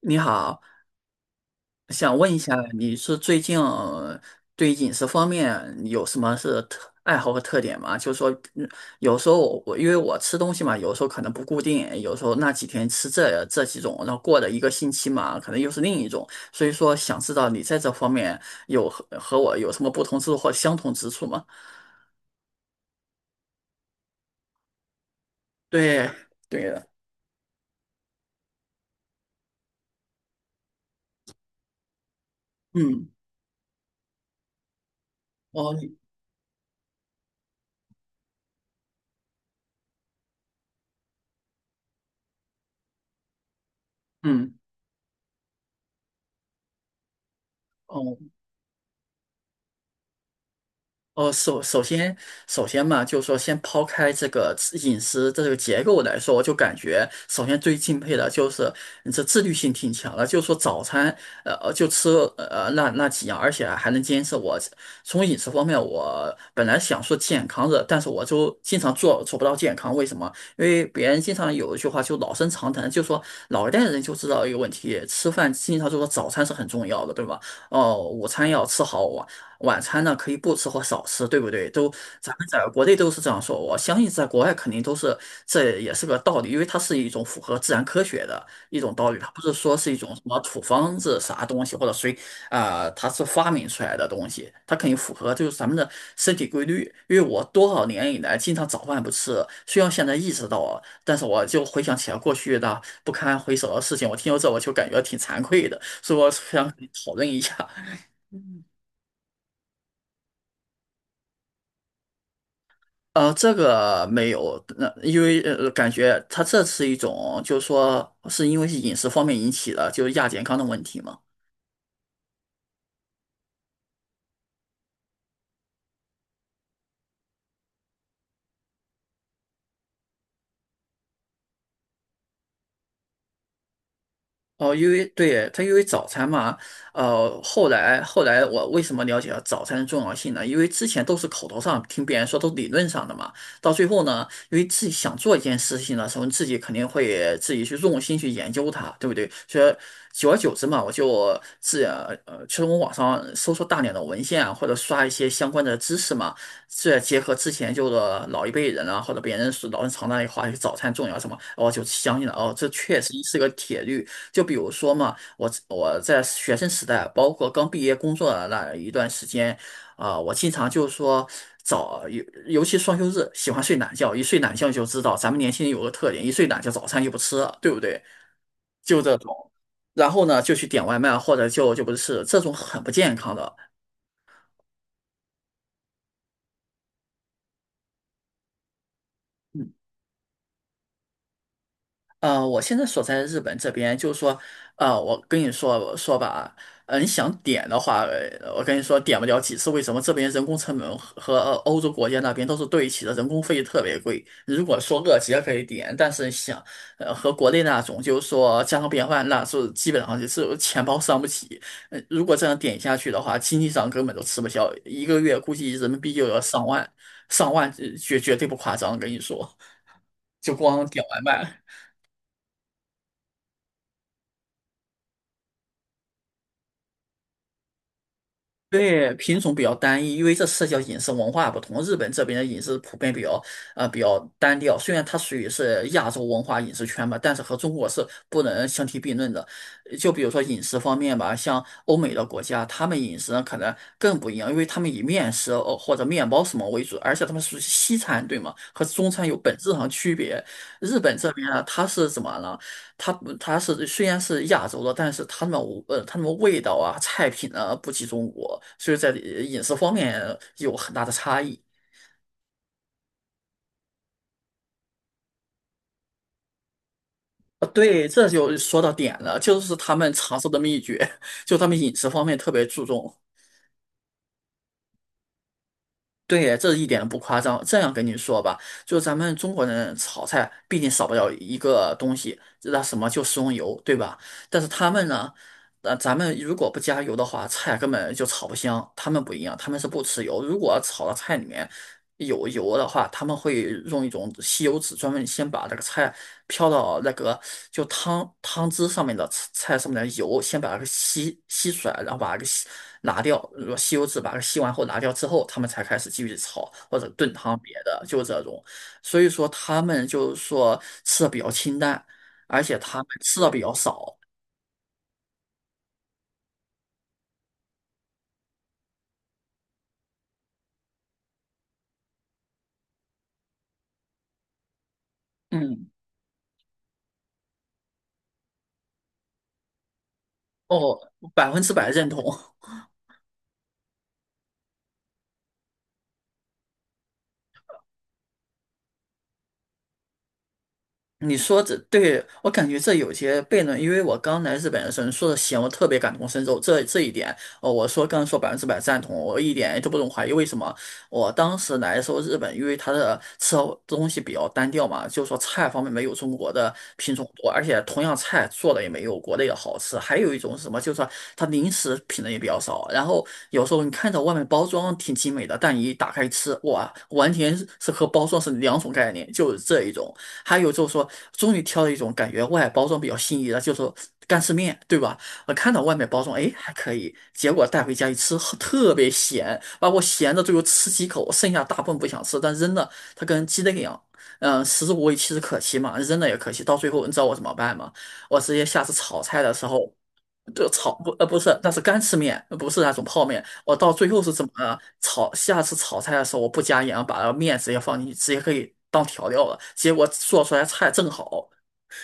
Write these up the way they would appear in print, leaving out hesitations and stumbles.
你好，想问一下，你是最近对饮食方面有什么是特爱好和特点吗？就是说，嗯有时候我因为我吃东西嘛，有时候可能不固定，有时候那几天吃这几种，然后过了一个星期嘛，可能又是另一种。所以说，想知道你在这方面有和我有什么不同之处或相同之处吗？对，对的，嗯，哦，嗯，哦。哦，首先，首先嘛，就是说，先抛开这个饮食这个结构来说，我就感觉，首先最敬佩的就是你这自律性挺强的，就是说早餐，就吃那几样，而且还能坚持我。从饮食方面，我本来想说健康的，但是我就经常做不到健康，为什么？因为别人经常有一句话就老生常谈，就说老一代人就知道一个问题，吃饭经常就说早餐是很重要的，对吧？哦，午餐要吃好，晚餐呢可以不吃或少吃，对不对？都咱们在国内都是这样说，我相信在国外肯定都是，这也是个道理，因为它是一种符合自然科学的一种道理，它不是说是一种什么土方子啥东西或者谁啊、它是发明出来的东西，它肯定符合就是咱们的身体规律。因为我多少年以来经常早饭不吃，虽然现在意识到啊，但是我就回想起来过去的不堪回首的事情，我听到这我就感觉挺惭愧的，所以我想讨论一下。这个没有，那、因为感觉它这是一种，就是说，是因为是饮食方面引起的，就是亚健康的问题嘛。哦，因为对耶，它因为早餐嘛，后来我为什么了解到早餐的重要性呢？因为之前都是口头上听别人说，都理论上的嘛。到最后呢，因为自己想做一件事情的时候，自己肯定会自己去用心去研究它，对不对？所以久而久之嘛，我就其实我网上搜索大量的文献啊，或者刷一些相关的知识嘛，再结合之前就是老一辈人啊，或者别人说老人常那里话，早餐重要什么，哦我就相信了哦，这确实是个铁律。就比如说嘛，我在学生时代，包括刚毕业工作的那一段时间，啊、我经常就说尤其双休日，喜欢睡懒觉，一睡懒觉就知道咱们年轻人有个特点，一睡懒觉早餐就不吃了，对不对？就这种。然后呢，就去点外卖，或者就不是这种很不健康的。我现在所在的日本这边，就是说，我跟你说说吧，你想点的话，我跟你说点不了几次。为什么这边人工成本和欧洲国家那边都是对齐的，人工费特别贵。如果说热结可以点，但是想，和国内那种就是说家常便饭，那是基本上就是钱包伤不起。如果这样点下去的话，经济上根本都吃不消，一个月估计人民币就要上万，上万，绝对不夸张，跟你说，就光点外卖。对，品种比较单一，因为这涉及到饮食文化不同。日本这边的饮食普遍比较比较单调，虽然它属于是亚洲文化饮食圈吧，但是和中国是不能相提并论的。就比如说饮食方面吧，像欧美的国家，他们饮食呢可能更不一样，因为他们以面食或者面包什么为主，而且他们属于西餐，对吗？和中餐有本质上区别。日本这边呢，它是怎么了？它它是虽然是亚洲的，但是他们味道啊菜品啊不及中国，所以在饮食方面有很大的差异。啊，对，这就说到点了，就是他们长寿的秘诀，就他们饮食方面特别注重。对耶这一点都不夸张。这样跟你说吧，就咱们中国人炒菜，毕竟少不了一个东西，那什么就食用油，对吧？但是他们呢，咱们如果不加油的话，菜根本就炒不香。他们不一样，他们是不吃油。如果炒到菜里面有油的话，他们会用一种吸油纸，专门先把那个菜飘到那个就汤汁上面的菜上面的油，先把它给吸出来，然后把它给拿掉。如果吸油纸把它吸完后拿掉之后，他们才开始继续炒或者炖汤别的，就这种。所以说他们就是说吃的比较清淡，而且他们吃的比较少。嗯，哦，百分之百认同。你说这对我感觉这有些悖论，因为我刚来日本的时候，你说的行，我特别感同身受。这一点，哦，我说刚刚说百分之百赞同，我一点都不用怀疑。为什么？我当时来的时候，日本因为它的吃东西比较单调嘛，就是说菜方面没有中国的品种多，而且同样菜做的也没有国内的好吃。还有一种是什么，就是说它零食品类也比较少。然后有时候你看着外面包装挺精美的，但你一打开吃，哇，完全是和包装是两种概念，就是这一种。还有就是说，终于挑了一种感觉外包装比较心仪的，就是说干丝面，对吧？我看到外面包装，哎，还可以，结果带回家一吃，呵特别咸，把我咸的最后吃几口，剩下大部分不想吃，但扔了，它跟鸡蛋一样。嗯，食之无味，弃之可惜嘛，扔了也可惜。到最后，你知道我怎么办吗？我直接下次炒菜的时候。这个炒不呃不是，那是干吃面，不是那种泡面。我到最后是怎么炒？下次炒菜的时候我不加盐，把那个面直接放进去，直接可以当调料了。结果做出来菜正好，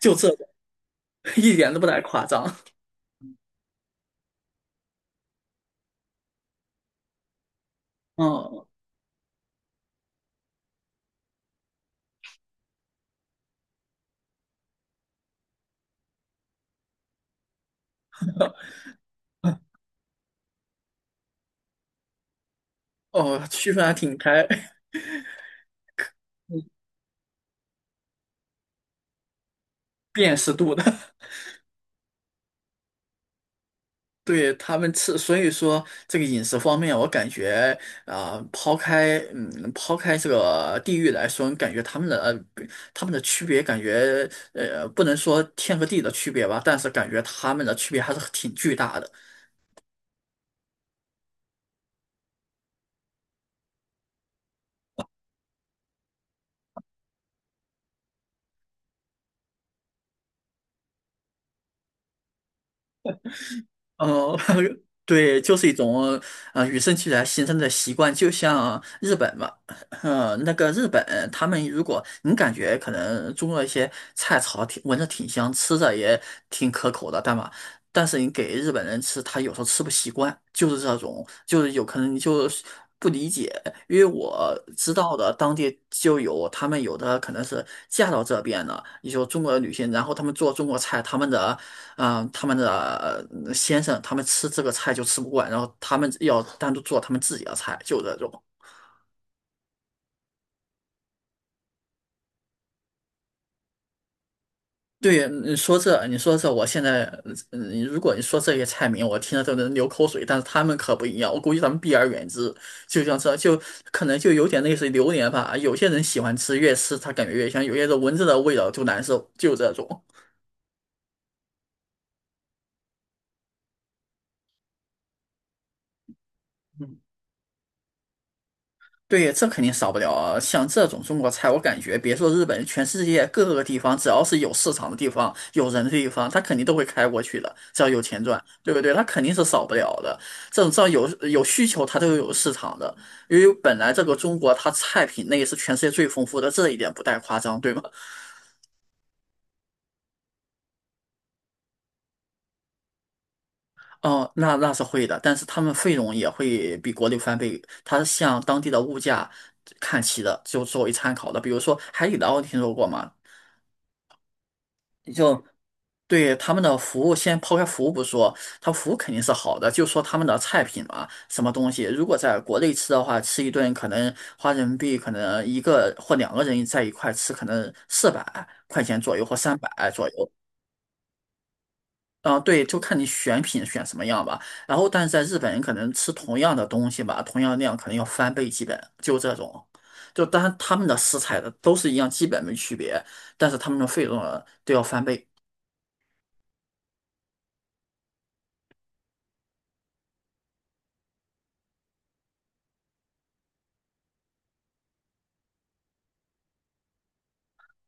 就这个，一点都不带夸张。嗯，哦，区分还挺开，辨识度的。对他们吃，所以说这个饮食方面，我感觉啊、抛开这个地域来说，感觉他们的区别，感觉不能说天和地的区别吧，但是感觉他们的区别还是挺巨大的。哦，对，就是一种啊、与生俱来形成的习惯，就像日本嘛，那个日本他们如果你感觉可能中国一些菜炒挺闻着挺香，吃着也挺可口的，但是你给日本人吃，他有时候吃不习惯，就是这种，就是有可能你就是不理解，因为我知道的当地就有他们有的可能是嫁到这边的，也就中国的女性，然后他们做中国菜，他们的。啊，他们的先生他们吃这个菜就吃不惯，然后他们要单独做他们自己的菜，就这种。对，你说这，我现在，如果你说这些菜名，我听着都能流口水，但是他们可不一样，我估计他们避而远之。就像这就可能就有点类似于榴莲吧，有些人喜欢吃，越吃他感觉越香，有些人闻着的味道就难受，就这种。对，这肯定少不了啊。像这种中国菜，我感觉别说日本，全世界各个地方，只要是有市场的地方、有人的地方，他肯定都会开过去的，只要有钱赚，对不对？他肯定是少不了的。这种只要有需求，它都有市场的。因为本来这个中国，它菜品类是全世界最丰富的，这一点不带夸张，对吗？哦，那是会的，但是他们费用也会比国内翻倍，它向当地的物价看齐的，就作为参考的。比如说海底捞，听说过吗？就对他们的服务，先抛开服务不说，他服务肯定是好的，就说他们的菜品嘛，什么东西，如果在国内吃的话，吃一顿可能花人民币可能一个或两个人在一块吃，可能400块钱左右或300左右。啊，对，就看你选品选什么样吧。然后，但是在日本人可能吃同样的东西吧，同样量可能要翻倍，基本就这种。就当然他们的食材的都是一样，基本没区别，但是他们的费用啊都要翻倍。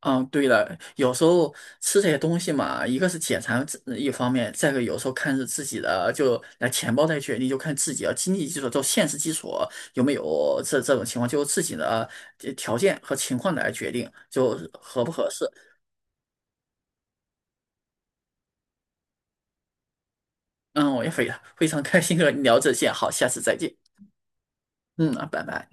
嗯，对了，有时候吃这些东西嘛，一个是解馋自一方面，再一个有时候看是自己的，就来钱包来决定，就看自己的经济基础，就现实基础有没有这种情况，就是自己的条件和情况来决定，就是合不合适。嗯，我也非常开心和你聊这些，好，下次再见。嗯，拜拜。